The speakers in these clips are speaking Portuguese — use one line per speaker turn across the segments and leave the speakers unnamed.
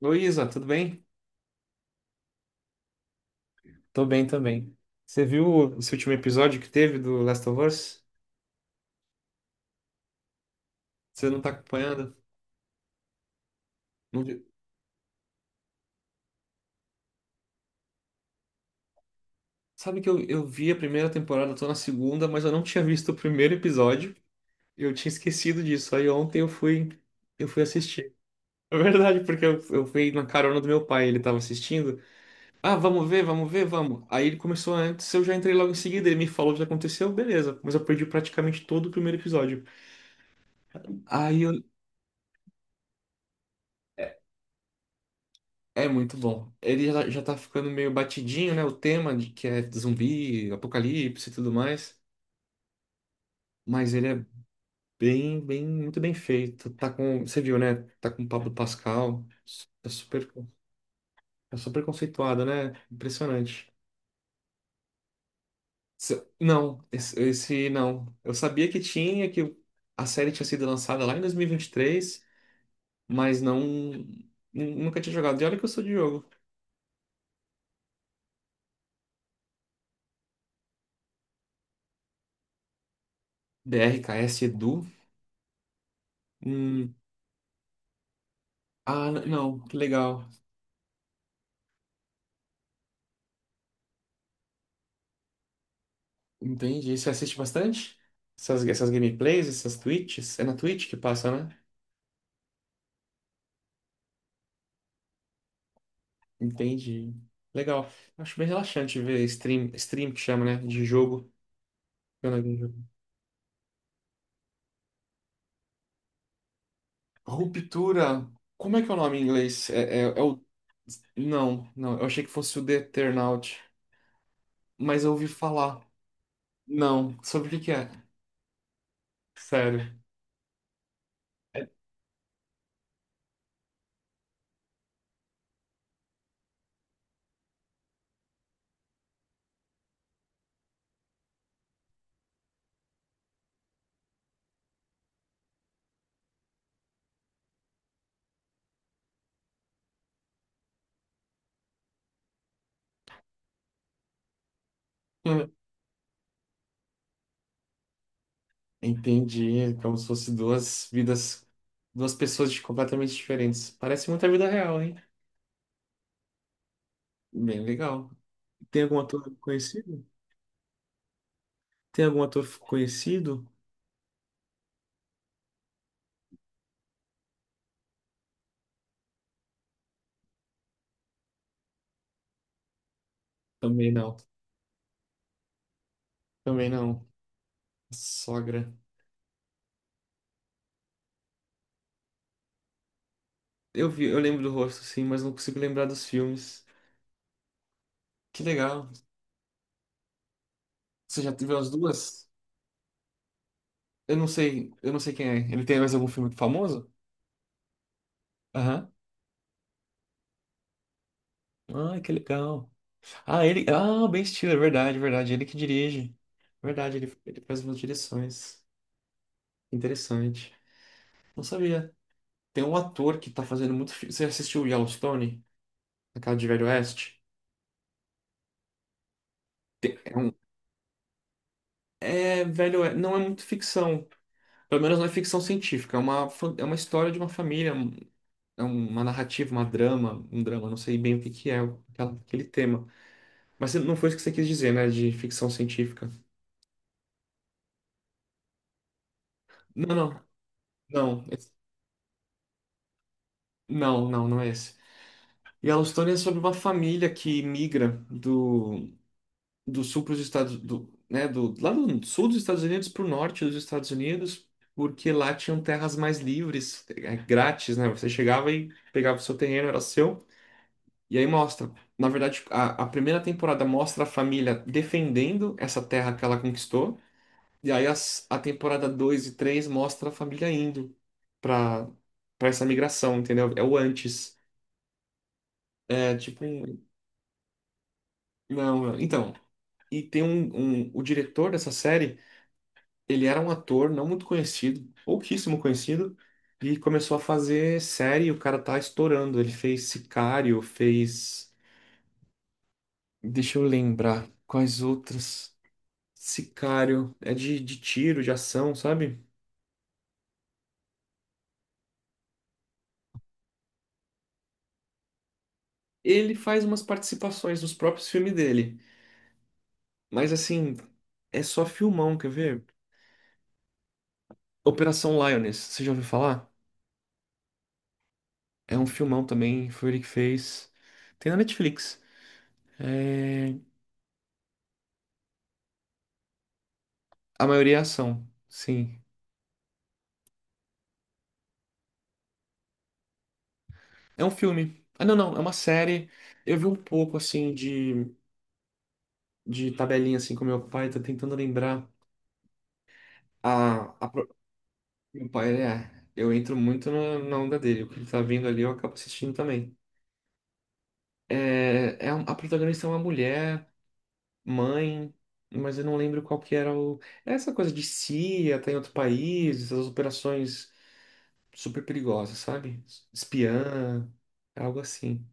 Luísa, tudo bem? Tô bem também. Você viu esse último episódio que teve do Last of Us? Você não tá acompanhando? Não vi- Sabe que eu vi a primeira temporada, tô na segunda, mas eu não tinha visto o primeiro episódio. Eu tinha esquecido disso. Aí ontem eu fui assistir. É verdade, porque eu fui na carona do meu pai, ele tava assistindo. Ah, vamos ver, vamos ver, vamos. Aí ele começou antes, eu já entrei logo em seguida, ele me falou o que aconteceu, beleza. Mas eu perdi praticamente todo o primeiro episódio. Aí eu... É muito bom. Ele já tá ficando meio batidinho, né? O tema de que é zumbi, apocalipse e tudo mais. Mas ele é muito bem feito. Tá com, você viu, né? Tá com o Pablo Pascal. Tá super, tá super conceituado, né? Impressionante. Não, esse não. Eu sabia que a série tinha sido lançada lá em 2023, mas não, nunca tinha jogado. E olha que eu sou de jogo. B R K BRKS Edu. Hum, ah, não, que legal. Entendi. Você assiste bastante? Essas gameplays, essas Twitches? É na Twitch que passa, né? Entendi. Legal. Acho bem relaxante ver stream, stream que chama, né? De jogo. Jogando algum jogo. Ruptura. Como é que é o nome em inglês? É o... Não, não. Eu achei que fosse o The Eternaut. Mas eu ouvi falar. Não. Sobre o que que é? Sério. Entendi. Como se fosse duas vidas. Duas pessoas de completamente diferentes. Parece muito a vida real, hein? Bem legal. Tem algum ator conhecido? Tem algum ator conhecido? Também não. Também não. Sogra. Eu vi, eu lembro do rosto, sim, mas não consigo lembrar dos filmes. Que legal. Você já teve as duas? Eu não sei quem é. Ele tem mais algum filme famoso? Aham. Ah, que legal. Ah, ele. Ah, o Ben Stiller, verdade, verdade. Ele que dirige. Verdade, ele faz umas direções. Interessante. Não sabia. Tem um ator que tá fazendo muito filme. Você assistiu Yellowstone? Aquela de Velho Oeste? É um... É, velho, não é muito ficção. Pelo menos não é ficção científica. É é uma história de uma família, é uma narrativa, um drama, não sei bem o que que é aquele tema. Mas não foi isso que você quis dizer, né? De ficção científica. Não, não, não. Não, não, não é esse. Yellowstone é sobre uma família que migra do sul para os Estados do, né, do lá do sul dos Estados Unidos para o norte dos Estados Unidos, porque lá tinham terras mais livres, é, grátis, né? Você chegava e pegava o seu terreno, era seu. E aí mostra, na verdade, a primeira temporada mostra a família defendendo essa terra que ela conquistou, e aí a temporada 2 e 3 mostra a família indo para para essa migração, entendeu? É o antes. É tipo um... Não. Então. E tem um. O diretor dessa série ele era um ator não muito conhecido, pouquíssimo conhecido, e começou a fazer série, e o cara tá estourando. Ele fez Sicário, fez. Deixa eu lembrar quais outras. Sicário, é de tiro, de ação, sabe? Ele faz umas participações nos próprios filmes dele, mas assim, é só filmão, quer ver? Operação Lioness, você já ouviu falar? É um filmão também, foi ele que fez. Tem na Netflix. É. A maioria é ação, sim. É um filme. Ah, não, não, é uma série. Eu vi um pouco, assim, de tabelinha, assim, com meu pai, tô tentando lembrar. A, a, pro- Meu pai, ele é. Eu entro muito na onda dele. O que ele tá vendo ali, eu acabo assistindo também. A protagonista é uma mulher, mãe, mas eu não lembro qual que era o. É essa coisa de CIA, tá em outro país, essas operações super perigosas, sabe? Espiã, algo assim.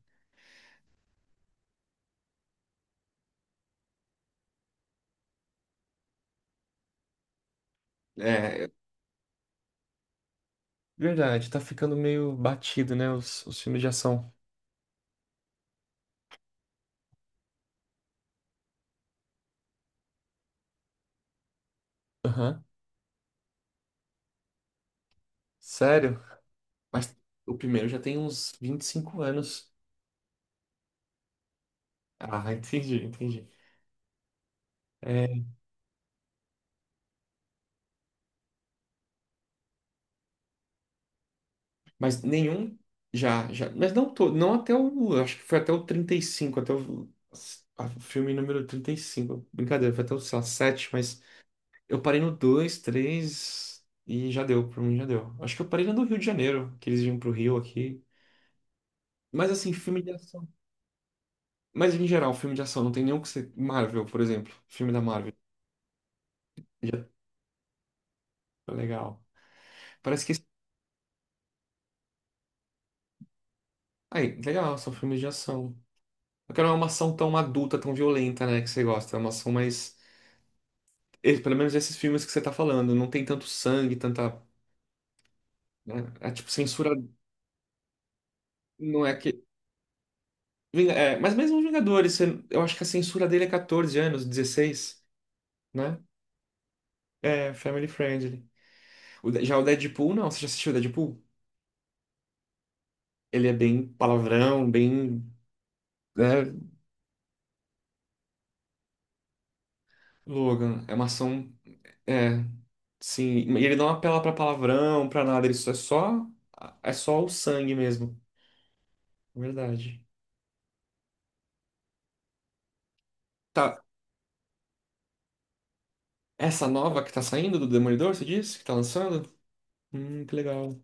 É verdade, tá ficando meio batido, né, os filmes de ação. Aham. Sério? Mas o primeiro já tem uns 25 anos. Ah, entendi, entendi. É, mas nenhum. Já, já, mas não todo, não até o, acho que foi até o 35, até o, o filme número 35. Brincadeira, foi até o, sei lá, 7, mas eu parei no 2 3 e já deu, pra mim já deu. Acho que eu parei no do Rio de Janeiro, que eles vinham pro Rio aqui. Mas assim, filme de ação. Mas em geral, filme de ação, não tem nenhum que você. Marvel, por exemplo. Filme da Marvel. Já, legal. Parece que... Aí, legal, são filmes de ação. Porque não é uma ação tão adulta, tão violenta, né, que você gosta. É uma ação mais. Pelo menos esses filmes que você tá falando, não tem tanto sangue, tanta. Né? É, tipo, censura. Não é que. É, mas mesmo os Vingadores, eu acho que a censura dele é 14 anos, 16, né? É, family friendly. Já o Deadpool, não. Você já assistiu o Deadpool? Ele é bem palavrão, bem. Né? Logan. É uma ação. É. Sim, e ele não apela pra palavrão, pra nada, ele só é só é só o sangue mesmo. Verdade. Tá, essa nova que tá saindo do Demolidor, você disse? Que tá lançando? Que legal.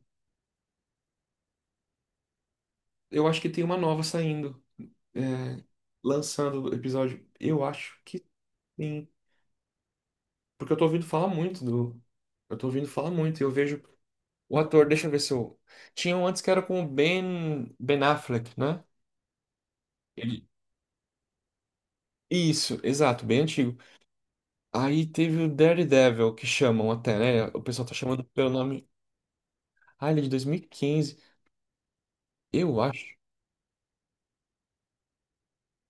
Eu acho que tem uma nova saindo. É, lançando o episódio. Eu acho que tem. Porque eu tô ouvindo falar muito do. Eu tô ouvindo falar muito. E eu vejo o ator, deixa eu ver se eu. Tinha um antes que era com o Ben Affleck, né? Ele. Isso, exato, bem antigo. Aí teve o Daredevil, que chamam até, né? O pessoal tá chamando pelo nome. Ah, ele é de 2015, eu acho.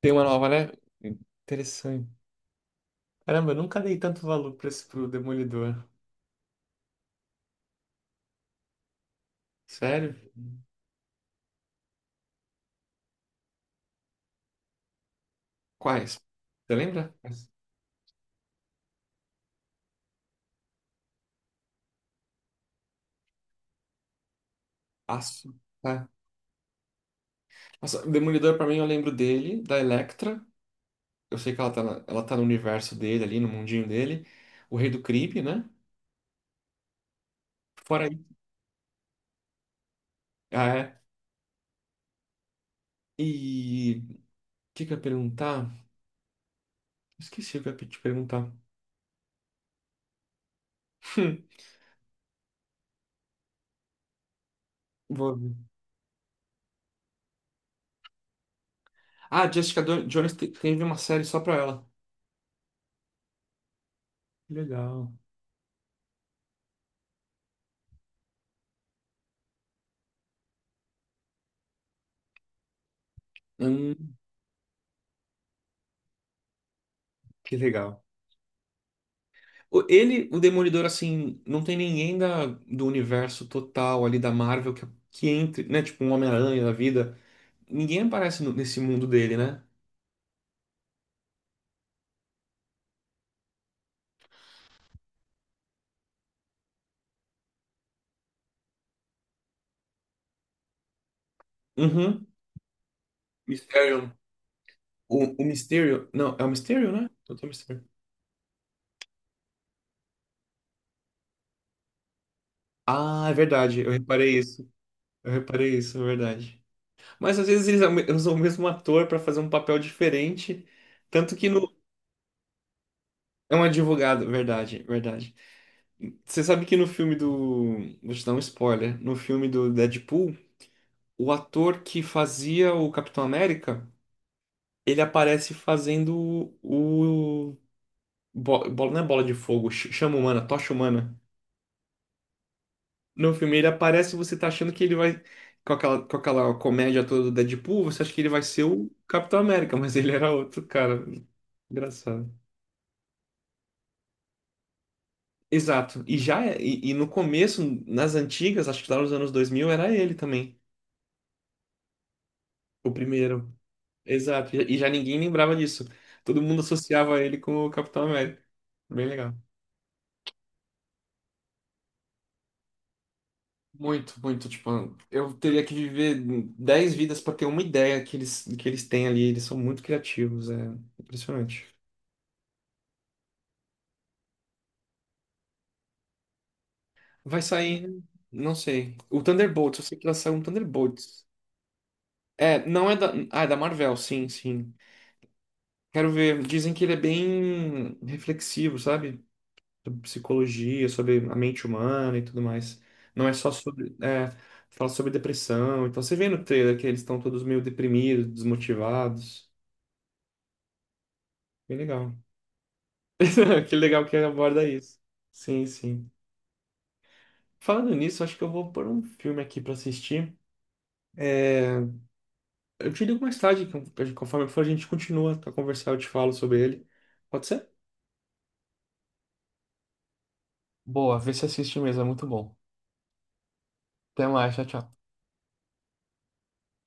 Tem uma nova, né? Interessante. Caramba, eu nunca dei tanto valor pra esse pro Demolidor. Sério? Quais? Você lembra? Aço. Tá. Nossa, o Demolidor, pra mim, eu lembro dele, da Elektra. Eu sei que ela tá, ela tá no universo dele, ali, no mundinho dele. O Rei do Crime, né? Fora aí. Ah, é. E... O que que eu ia perguntar? Esqueci o que eu ia te perguntar. Vou ver. Ah, Jessica Jones teve uma série só pra ela. Que legal. Hum. Que legal. Ele, o Demolidor, assim, não tem ninguém do universo total ali da Marvel que entre, né? Tipo um Homem-Aranha da vida. Ninguém aparece nesse mundo dele, né? Uhum. Mysterio. O Mysterio. Não, é o Mysterio, né? Doutor Mysterio. Ah, é verdade. Eu reparei isso. Eu reparei isso, é verdade. Mas às vezes eles usam o mesmo ator pra fazer um papel diferente. Tanto que no... É um advogado, verdade, verdade. Você sabe que no filme do... Vou te dar um spoiler. No filme do Deadpool, o ator que fazia o Capitão América, ele aparece fazendo o... Bola, não é bola de fogo, chama humana, tocha humana. No filme ele aparece e você tá achando que ele vai. Com aquela comédia toda do Deadpool, você acha que ele vai ser o Capitão América, mas ele era outro cara. Engraçado. Exato. E e no começo, nas antigas, acho que lá nos anos 2000, era ele também. O primeiro. Exato. E já ninguém lembrava disso. Todo mundo associava ele com o Capitão América. Bem legal. Muito, muito. Tipo, eu teria que viver 10 vidas para ter uma ideia que eles têm ali. Eles são muito criativos, é impressionante. Vai sair, não sei. O Thunderbolts, eu sei que vai sair um Thunderbolts. É, não é da. Ah, é da Marvel, sim, sim. Quero ver. Dizem que ele é bem reflexivo, sabe, sobre psicologia, sobre a mente humana e tudo mais. Não é só sobre... É, fala sobre depressão. Então você vê no trailer que eles estão todos meio deprimidos, desmotivados. Bem legal. Que legal que aborda isso. Sim, sim. Falando nisso, acho que eu vou pôr um filme aqui pra assistir. É, eu te ligo mais tarde, conforme for, a gente continua a conversar, eu te falo sobre ele. Pode ser? Boa, vê se assiste mesmo, é muito bom. Até mais, tchau, tchau.